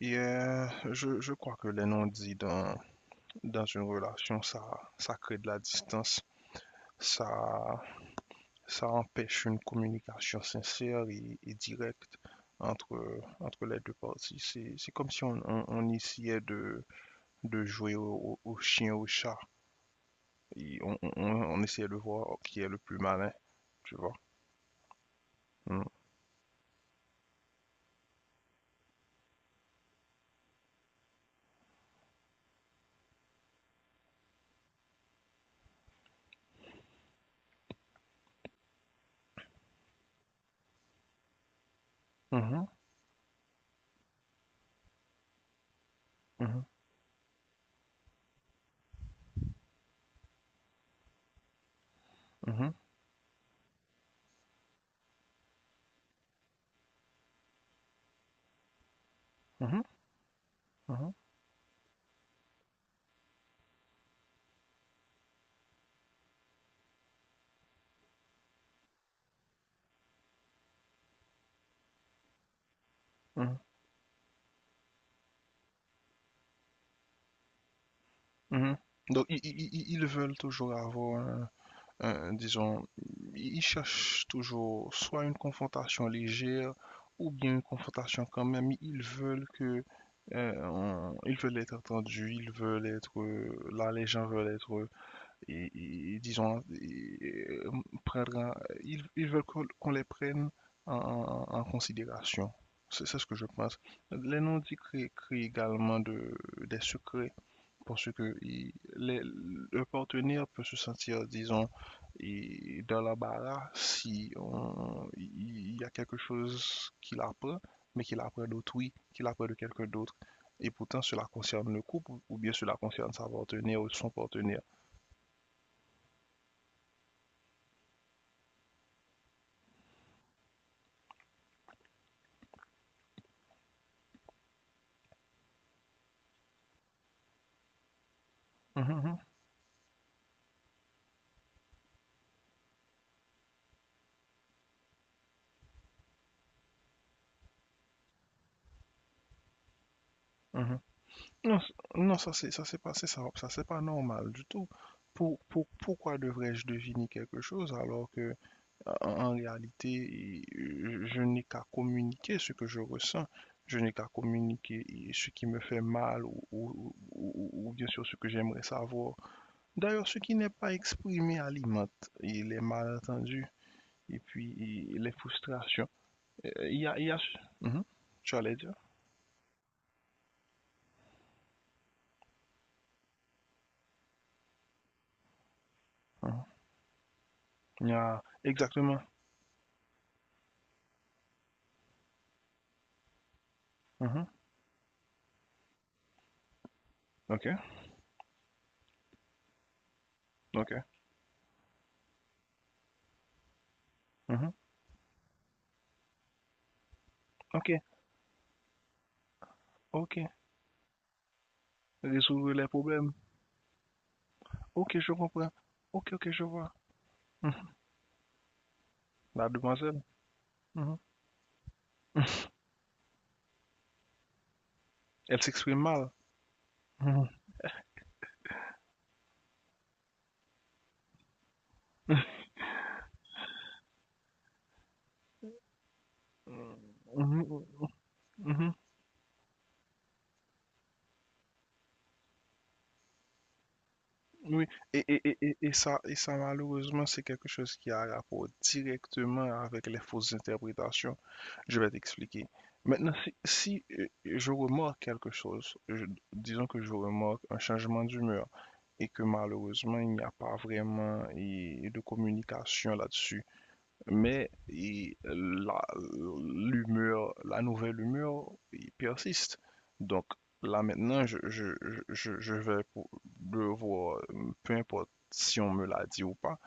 Et je crois que les non-dits dans une relation, ça crée de la distance, ça, ça empêche une communication sincère et directe entre les deux parties. C'est comme si on essayait de jouer au chien, au chat, et on essayait de voir qui est le plus malin, tu vois. Mm. Mhm, mhm, mhm, mhm, mhm, mhm, mhm. Donc, ils veulent toujours disons, ils cherchent toujours soit une confrontation légère ou bien une confrontation quand même. Ils veulent être entendus, ils veulent être, là les gens veulent être, et, et, disons, prendre, un- ils veulent qu'on les prenne en considération. C'est ce que je pense. Les non-dits créent également des secrets parce que le partenaire peut se sentir, disons, et dans l'embarras si il y a quelque chose qu'il apprend, mais qu'il apprend d'autrui, qu'il apprend de quelqu'un d'autre. Et pourtant, cela concerne le couple ou bien cela concerne sa partenaire ou son partenaire. Mhm, mhm. Mhm. Non, non, ça c'est pas normal du tout. Pourquoi devrais-je deviner quelque chose alors que, en réalité, je n'ai qu'à communiquer ce que je ressens. Je n'ai qu'à communiquer ce qui me fait mal ou, bien sûr ce que j'aimerais savoir. D'ailleurs, ce qui n'est pas exprimé alimente et les malentendus et puis les frustrations. Il y a... Mhm. Tu allais dire? Mhm. Il y a... Exactement. Mhm. OK. OK. Mhm. OK. OK. Résoudre les problèmes. OK, je comprends. OK, OK, je vois. Mhm. La demoiselle. Mhm. Elle s'exprime mal. Mhm. Mhm. Mhm. Oui, et ça malheureusement, c'est quelque chose qui a rapport directement avec les fausses interprétations. Je vais t'expliquer. Maintenant, si, je remarque quelque chose, disons que je remarque un changement d'humeur et que malheureusement, il n'y a pas vraiment de communication là-dessus. Mais l'humeur, la nouvelle humeur, il persiste. Donc là maintenant, je vais devoir, peu importe si on me l'a dit ou pas,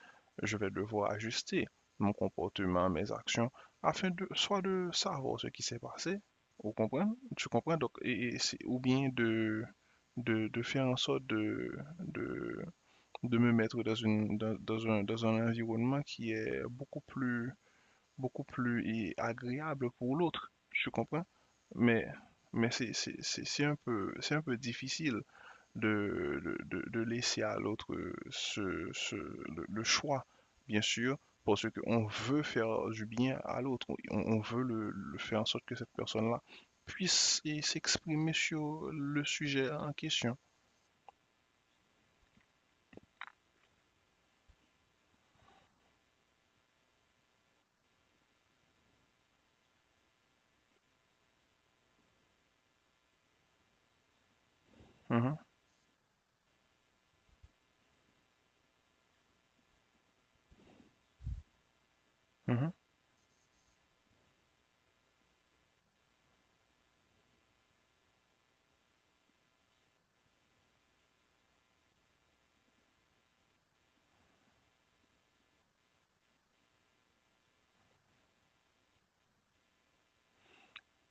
je vais devoir ajuster mon comportement, mes actions, afin de soit de savoir ce qui s'est passé, vous comprenez? Tu comprends? Donc, ou bien de faire en sorte de me mettre dans une, dans, dans un environnement qui est beaucoup plus agréable pour l'autre, tu comprends? Mais, mais c'est un peu difficile de laisser à l'autre le choix, bien sûr, parce qu'on veut faire du bien à l'autre, on veut le faire en sorte que cette personne-là puisse et s'exprimer sur le sujet en question. Mhm, mhm.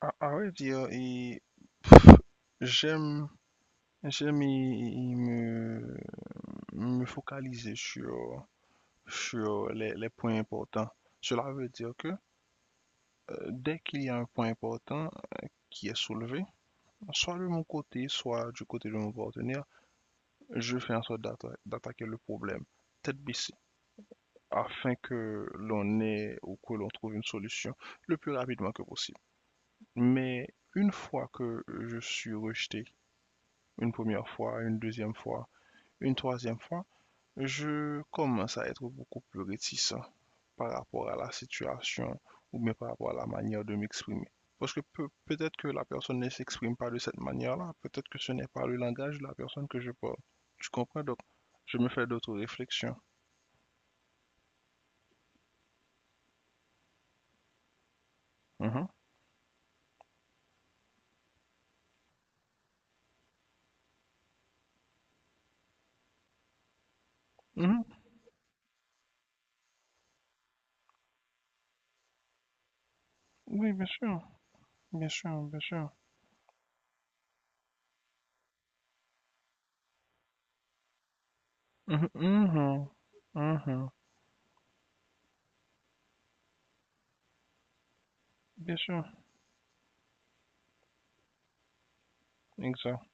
À vrai dire, pff, j'aime, j'aime me focaliser sur les points importants. Cela veut dire que dès qu'il y a un point important qui est soulevé, soit de mon côté, soit du côté de mon partenaire, je fais en sorte d'attaquer le problème tête baissée afin que l'on ait ou que l'on trouve une solution le plus rapidement que possible. Mais une fois que je suis rejeté, une première fois, une deuxième fois, une troisième fois, je commence à être beaucoup plus réticent par rapport à la situation ou bien par rapport à la manière de m'exprimer. Parce que peut-être que la personne ne s'exprime pas de cette manière-là, peut-être que ce n'est pas le langage de la personne que je parle. Tu comprends? Donc, je me fais d'autres réflexions. Mhm. Mhm. Oui, bien sûr, bien sûr, bien sûr. Mhm, mhm, mhm. Bien sûr, exact.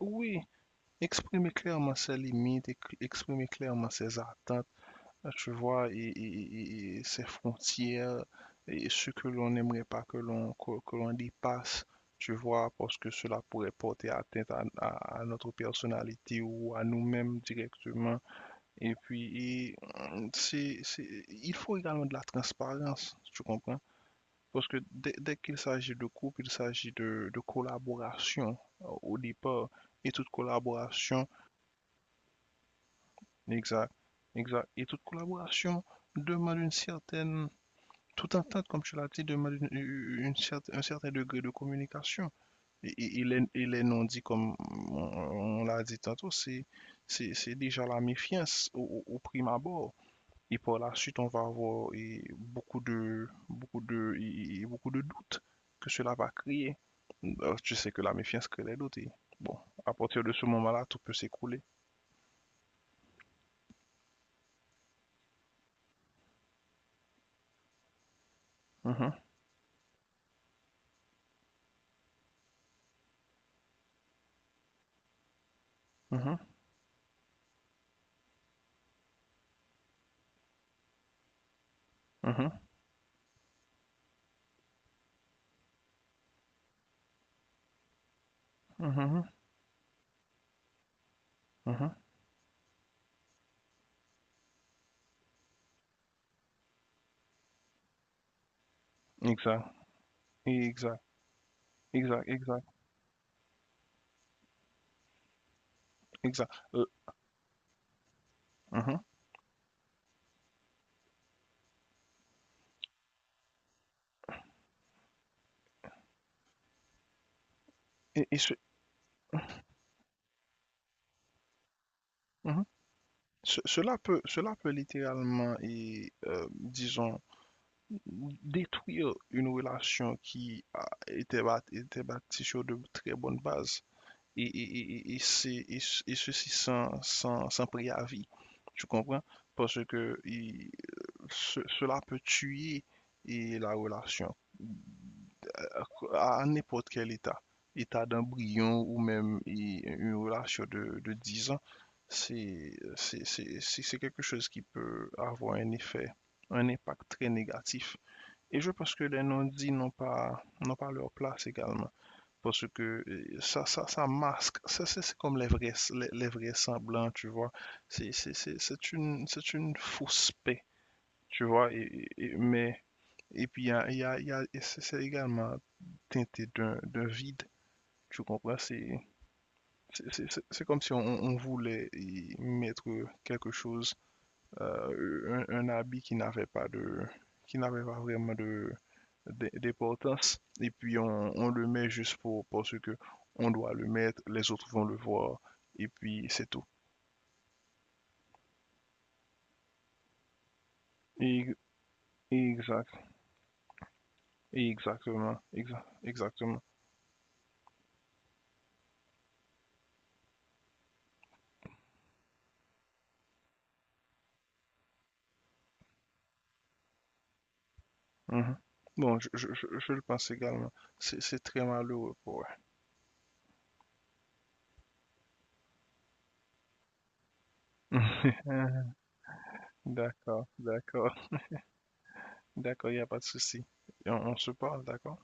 Oui, exprimer clairement ses limites, exprimer clairement ses attentes. Tu vois, et ces frontières, et ce que l'on n'aimerait pas que l'on dépasse, tu vois, parce que cela pourrait porter atteinte à notre personnalité ou à nous-mêmes directement. Et puis, et, il faut également de la transparence, tu comprends? Parce que dès qu'il s'agit de couple, il s'agit de collaboration, au départ, et toute collaboration, exact, exact, et toute collaboration. Demande une certaine Tout à fait, comme tu l'as dit, demande un certain degré de communication. Et les non-dits, comme on, on l'a dit tantôt, c'est déjà la méfiance au prime abord. Et par la suite, on va avoir beaucoup de doutes que cela va créer. Alors, tu sais que la méfiance crée les doutes. Et bon, à partir de ce moment-là, tout peut s'écrouler. Mhm, mhm, mhm, mhm, mhm. Exact, exact, exact, exact, exact. Mhm. Et, et ce, Mhm. Cela peut, cela peut littéralement, disons, détruire une relation qui était bâtie sur de très bonnes bases. Et ceci sans, sans préavis. Tu comprends? Parce que cela peut tuer et la relation. En n'importe quel état, état d'embryon ou même une relation de 10 ans, quelque chose qui peut avoir un effet, un impact très négatif. Et je pense que les non-dits n'ont pas leur place également. Parce que ça masque, ça, c'est comme les vrais, les vrais semblants, tu vois. C'est une fausse paix, tu vois. Mais et puis, il y a, c'est également teinté d'un vide, tu comprends? C'est comme si on voulait y mettre quelque chose, un habit qui n'avait pas de, qui n'avait pas vraiment d'importance, et puis on le met juste parce que on doit le mettre, les autres vont le voir, et puis c'est tout. Et- exact, exactement, exactement. Mhm. Bon, je le pense également. C'est très malheureux pour eux. D'accord, d'accord, d'accord, il n'y a pas de souci. Et on se parle, d'accord?